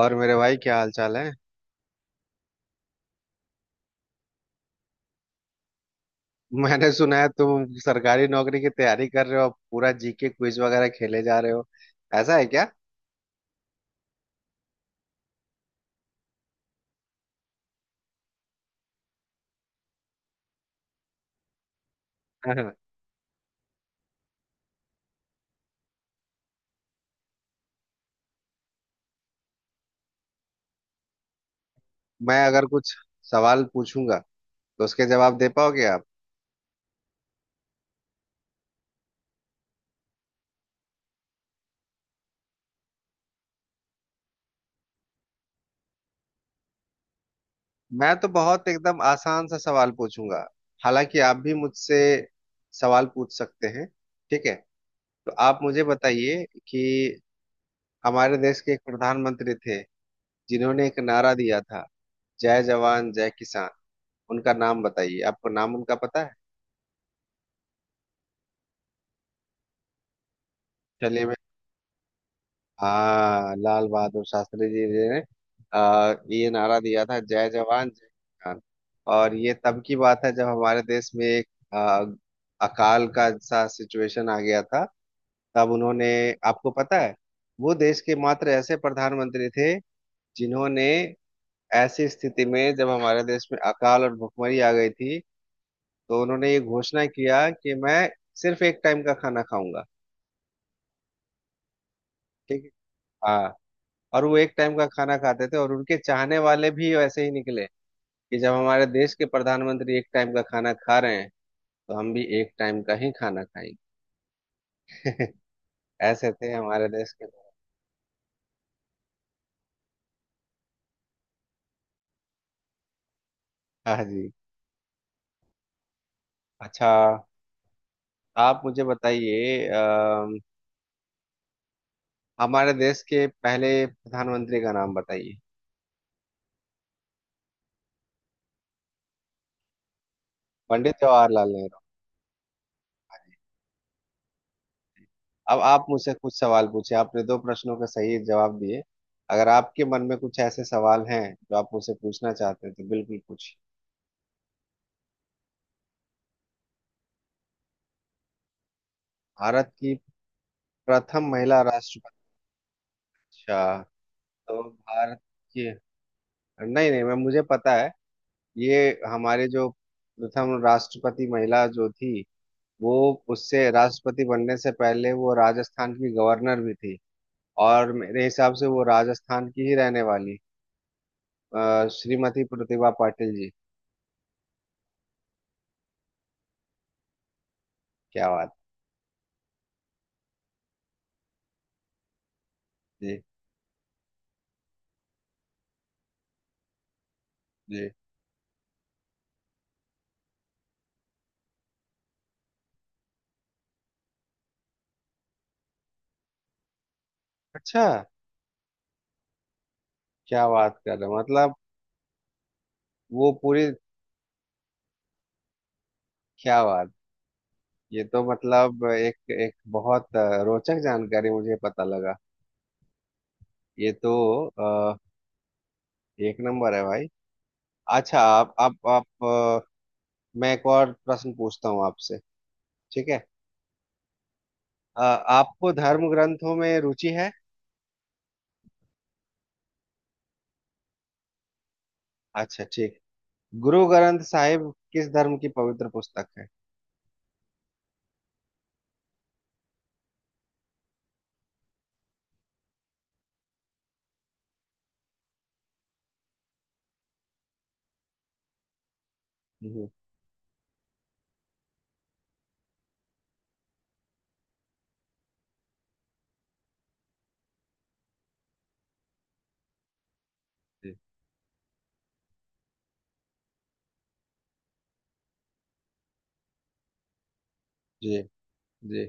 और मेरे भाई क्या हाल चाल है? मैंने सुना है तुम सरकारी नौकरी की तैयारी कर रहे हो और पूरा जीके क्विज वगैरह खेले जा रहे हो। ऐसा है क्या? हाँ। मैं अगर कुछ सवाल पूछूंगा तो उसके जवाब दे पाओगे आप? मैं तो बहुत एकदम आसान सा सवाल पूछूंगा, हालांकि आप भी मुझसे सवाल पूछ सकते हैं। ठीक है? तो आप मुझे बताइए कि हमारे देश के एक प्रधानमंत्री थे जिन्होंने एक नारा दिया था, जय जवान जय किसान। उनका नाम बताइए, आपको नाम उनका पता है? चलिए। हाँ, लाल बहादुर शास्त्री जी ने ये नारा दिया था, जय जवान जय किसान। और ये तब की बात है जब हमारे देश में एक आ, अकाल का सा सिचुएशन आ गया था। तब उन्होंने, आपको पता है, वो देश के मात्र ऐसे प्रधानमंत्री थे जिन्होंने ऐसी स्थिति में, जब हमारे देश में अकाल और भुखमरी आ गई थी, तो उन्होंने ये घोषणा किया कि मैं सिर्फ एक टाइम का खाना खाऊंगा। ठीक है? हाँ। और वो एक टाइम का खाना खाते थे, और उनके चाहने वाले भी वैसे ही निकले कि जब हमारे देश के प्रधानमंत्री एक टाइम का खाना खा रहे हैं तो हम भी एक टाइम का ही खाना खाएंगे। ऐसे थे हमारे देश के। हाँ जी। अच्छा, आप मुझे बताइए, हमारे देश के पहले प्रधानमंत्री का नाम बताइए। पंडित जवाहरलाल नेहरू। अब आप मुझसे कुछ सवाल पूछे, आपने दो प्रश्नों के सही जवाब दिए। अगर आपके मन में कुछ ऐसे सवाल हैं जो आप मुझसे पूछना चाहते हैं तो बिल्कुल पूछिए। भारत की प्रथम महिला राष्ट्रपति। अच्छा। तो भारत की, नहीं नहीं, मैं मुझे पता है ये। हमारे जो प्रथम राष्ट्रपति महिला जो थी, वो, उससे राष्ट्रपति बनने से पहले वो राजस्थान की गवर्नर भी थी, और मेरे हिसाब से वो राजस्थान की ही रहने वाली, श्रीमती प्रतिभा पाटिल जी। क्या बात। जी। जी। अच्छा, क्या बात कर रहे हो? मतलब, वो पूरी, क्या बात, ये तो मतलब एक एक बहुत रोचक जानकारी मुझे पता लगा। ये तो एक नंबर है भाई। अच्छा, आप, मैं एक और प्रश्न पूछता हूँ आपसे। ठीक है? अ, आपको धर्म ग्रंथों में रुचि है? अच्छा, ठीक। गुरु ग्रंथ साहिब किस धर्म की पवित्र पुस्तक है? हम्म। जी। जी। जी।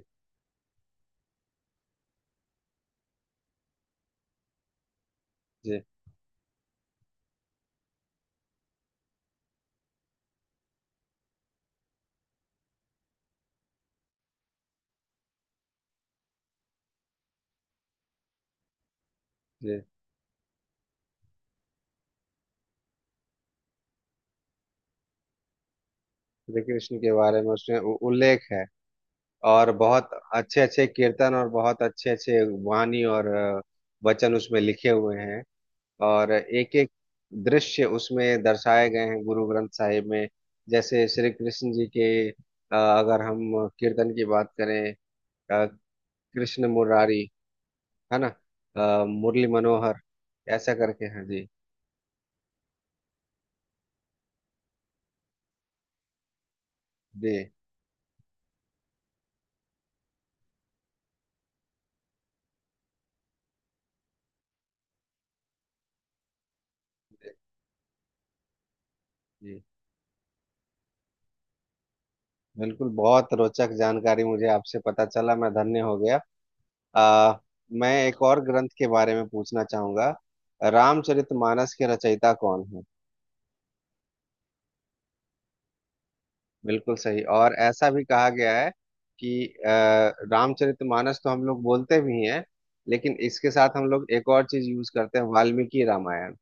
जी। जी। श्री कृष्ण के बारे में उसमें उल्लेख है, और बहुत अच्छे अच्छे कीर्तन और बहुत अच्छे अच्छे वाणी और वचन उसमें लिखे हुए हैं। और एक एक दृश्य उसमें दर्शाए गए हैं गुरु ग्रंथ साहिब में। जैसे श्री कृष्ण जी के, अगर हम कीर्तन की बात करें, अ, कृष्ण मुरारी, है ना, मुरली मनोहर, ऐसा करके है जी। जी। जी। बिल्कुल, बहुत रोचक जानकारी मुझे आपसे पता चला, मैं धन्य हो गया। आ, मैं एक और ग्रंथ के बारे में पूछना चाहूंगा। रामचरितमानस के रचयिता कौन है? बिल्कुल सही। और ऐसा भी कहा गया है कि रामचरितमानस तो हम लोग बोलते भी हैं, लेकिन इसके साथ हम लोग एक और चीज यूज करते हैं, वाल्मीकि रामायण।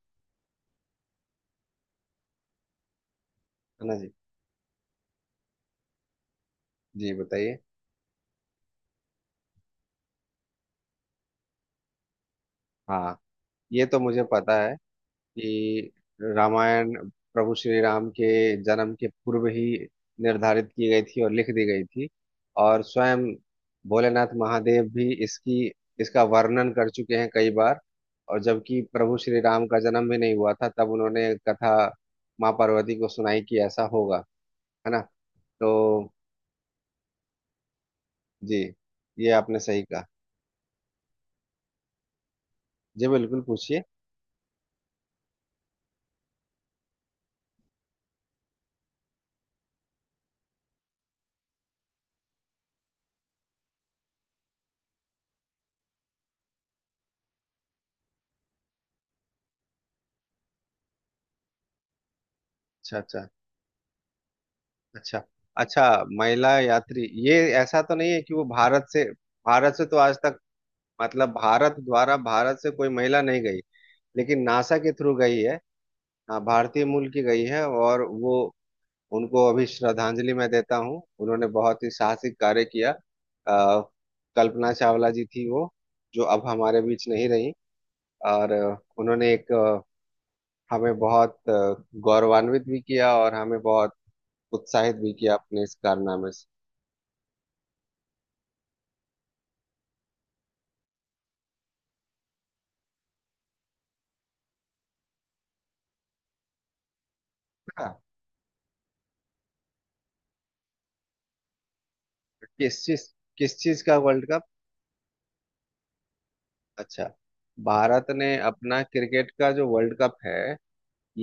है ना जी। जी बताइए। हाँ, ये तो मुझे पता है कि रामायण प्रभु श्री राम के जन्म के पूर्व ही निर्धारित की गई थी और लिख दी गई थी। और स्वयं भोलेनाथ महादेव भी इसकी इसका वर्णन कर चुके हैं कई बार। और जबकि प्रभु श्री राम का जन्म भी नहीं हुआ था तब उन्होंने कथा माँ पार्वती को सुनाई कि ऐसा होगा। है ना? तो जी, ये आपने सही कहा। जी, बिल्कुल पूछिए। अच्छा अच्छा अच्छा। अच्छा, महिला यात्री, ये, ऐसा तो नहीं है कि वो भारत से, भारत से तो आज तक, मतलब भारत द्वारा भारत से कोई महिला नहीं गई, लेकिन नासा के थ्रू गई है। हाँ, भारतीय मूल की गई है, और वो, उनको अभी श्रद्धांजलि मैं देता हूँ, उन्होंने बहुत ही साहसिक कार्य किया। कल्पना चावला जी थी वो, जो अब हमारे बीच नहीं रही। और उन्होंने एक हमें बहुत गौरवान्वित भी किया, और हमें बहुत उत्साहित भी किया अपने इस कारनामे से। हाँ। किस चीज, किस चीज का वर्ल्ड कप? अच्छा, भारत ने अपना क्रिकेट का जो वर्ल्ड कप है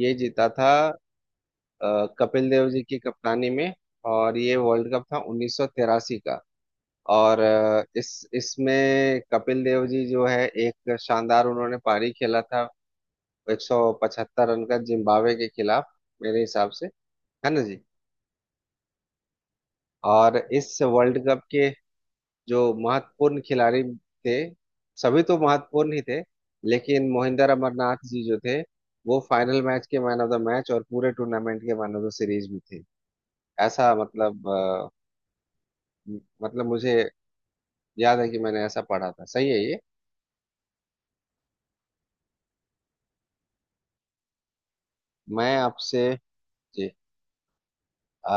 ये जीता था कपिल देव जी की कप्तानी में, और ये वर्ल्ड कप था 1983 का। और इस इसमें कपिल देव जी जो है, एक शानदार उन्होंने पारी खेला था 175 रन का जिम्बाब्वे के खिलाफ, मेरे हिसाब से। है ना जी। और इस वर्ल्ड कप के जो महत्वपूर्ण खिलाड़ी थे, सभी तो महत्वपूर्ण ही थे, लेकिन मोहिंदर अमरनाथ जी जो थे, वो फाइनल मैच के मैन ऑफ द मैच और पूरे टूर्नामेंट के मैन ऑफ द सीरीज भी थे। ऐसा मतलब मतलब मुझे याद है कि मैंने ऐसा पढ़ा था, सही है ये? मैं आपसे जी, अ,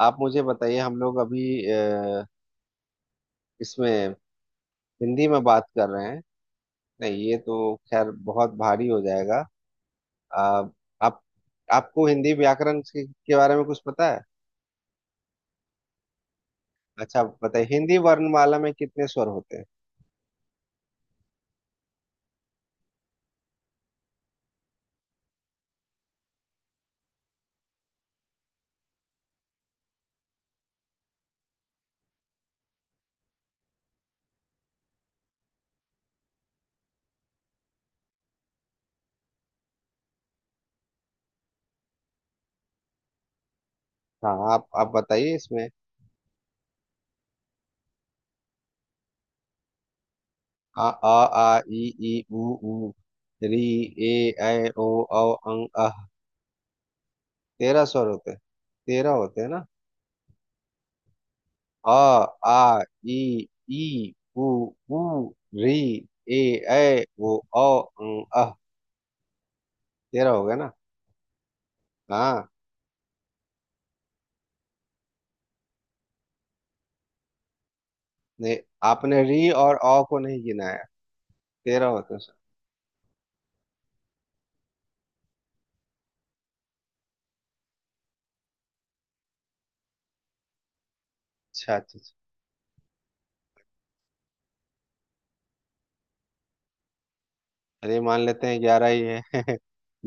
आप मुझे बताइए हम लोग अभी अ, इसमें हिंदी में बात कर रहे हैं, नहीं ये तो खैर बहुत भारी हो जाएगा। अ, आप, आपको हिंदी व्याकरण के बारे में कुछ पता है? अच्छा, आप बताइए हिंदी वर्णमाला में कितने स्वर होते हैं? हाँ, आप बताइए इसमें। आ आ आ ई ई उ ऊ री ए ऐ ओ औ अं अः। 13 स्वर होते हैं। 13 होते हैं ना? आ आ ई ई उ ऊ री ए ऐ ओ औ अं, अः। तेरह हो गए ना? हाँ। नहीं, आपने री और औ को नहीं गिनाया। 13 होते हैं सर। अच्छा अच्छा अच्छा। चलिए, मान लेते हैं 11 ही है।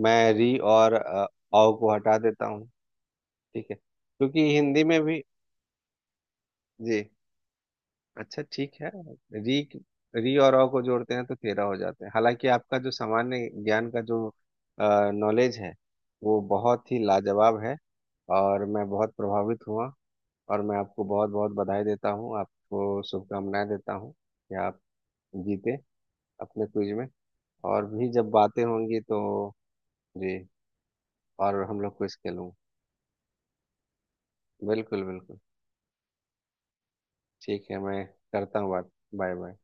मैं री और औ को हटा देता हूँ। ठीक है, क्योंकि हिंदी में भी। जी। अच्छा, ठीक है। री, री और अ को जोड़ते हैं तो 13 हो जाते हैं। हालांकि आपका जो सामान्य ज्ञान का जो नॉलेज है वो बहुत ही लाजवाब है, और मैं बहुत प्रभावित हुआ। और मैं आपको बहुत बहुत बधाई देता हूँ, आपको शुभकामनाएं देता हूँ कि आप जीते अपने क्विज में। और भी जब बातें होंगी तो जी। और हम लोग क्विज खेलूंगा। बिल्कुल बिल्कुल। ठीक है, मैं करता हूँ बात। Bye bye.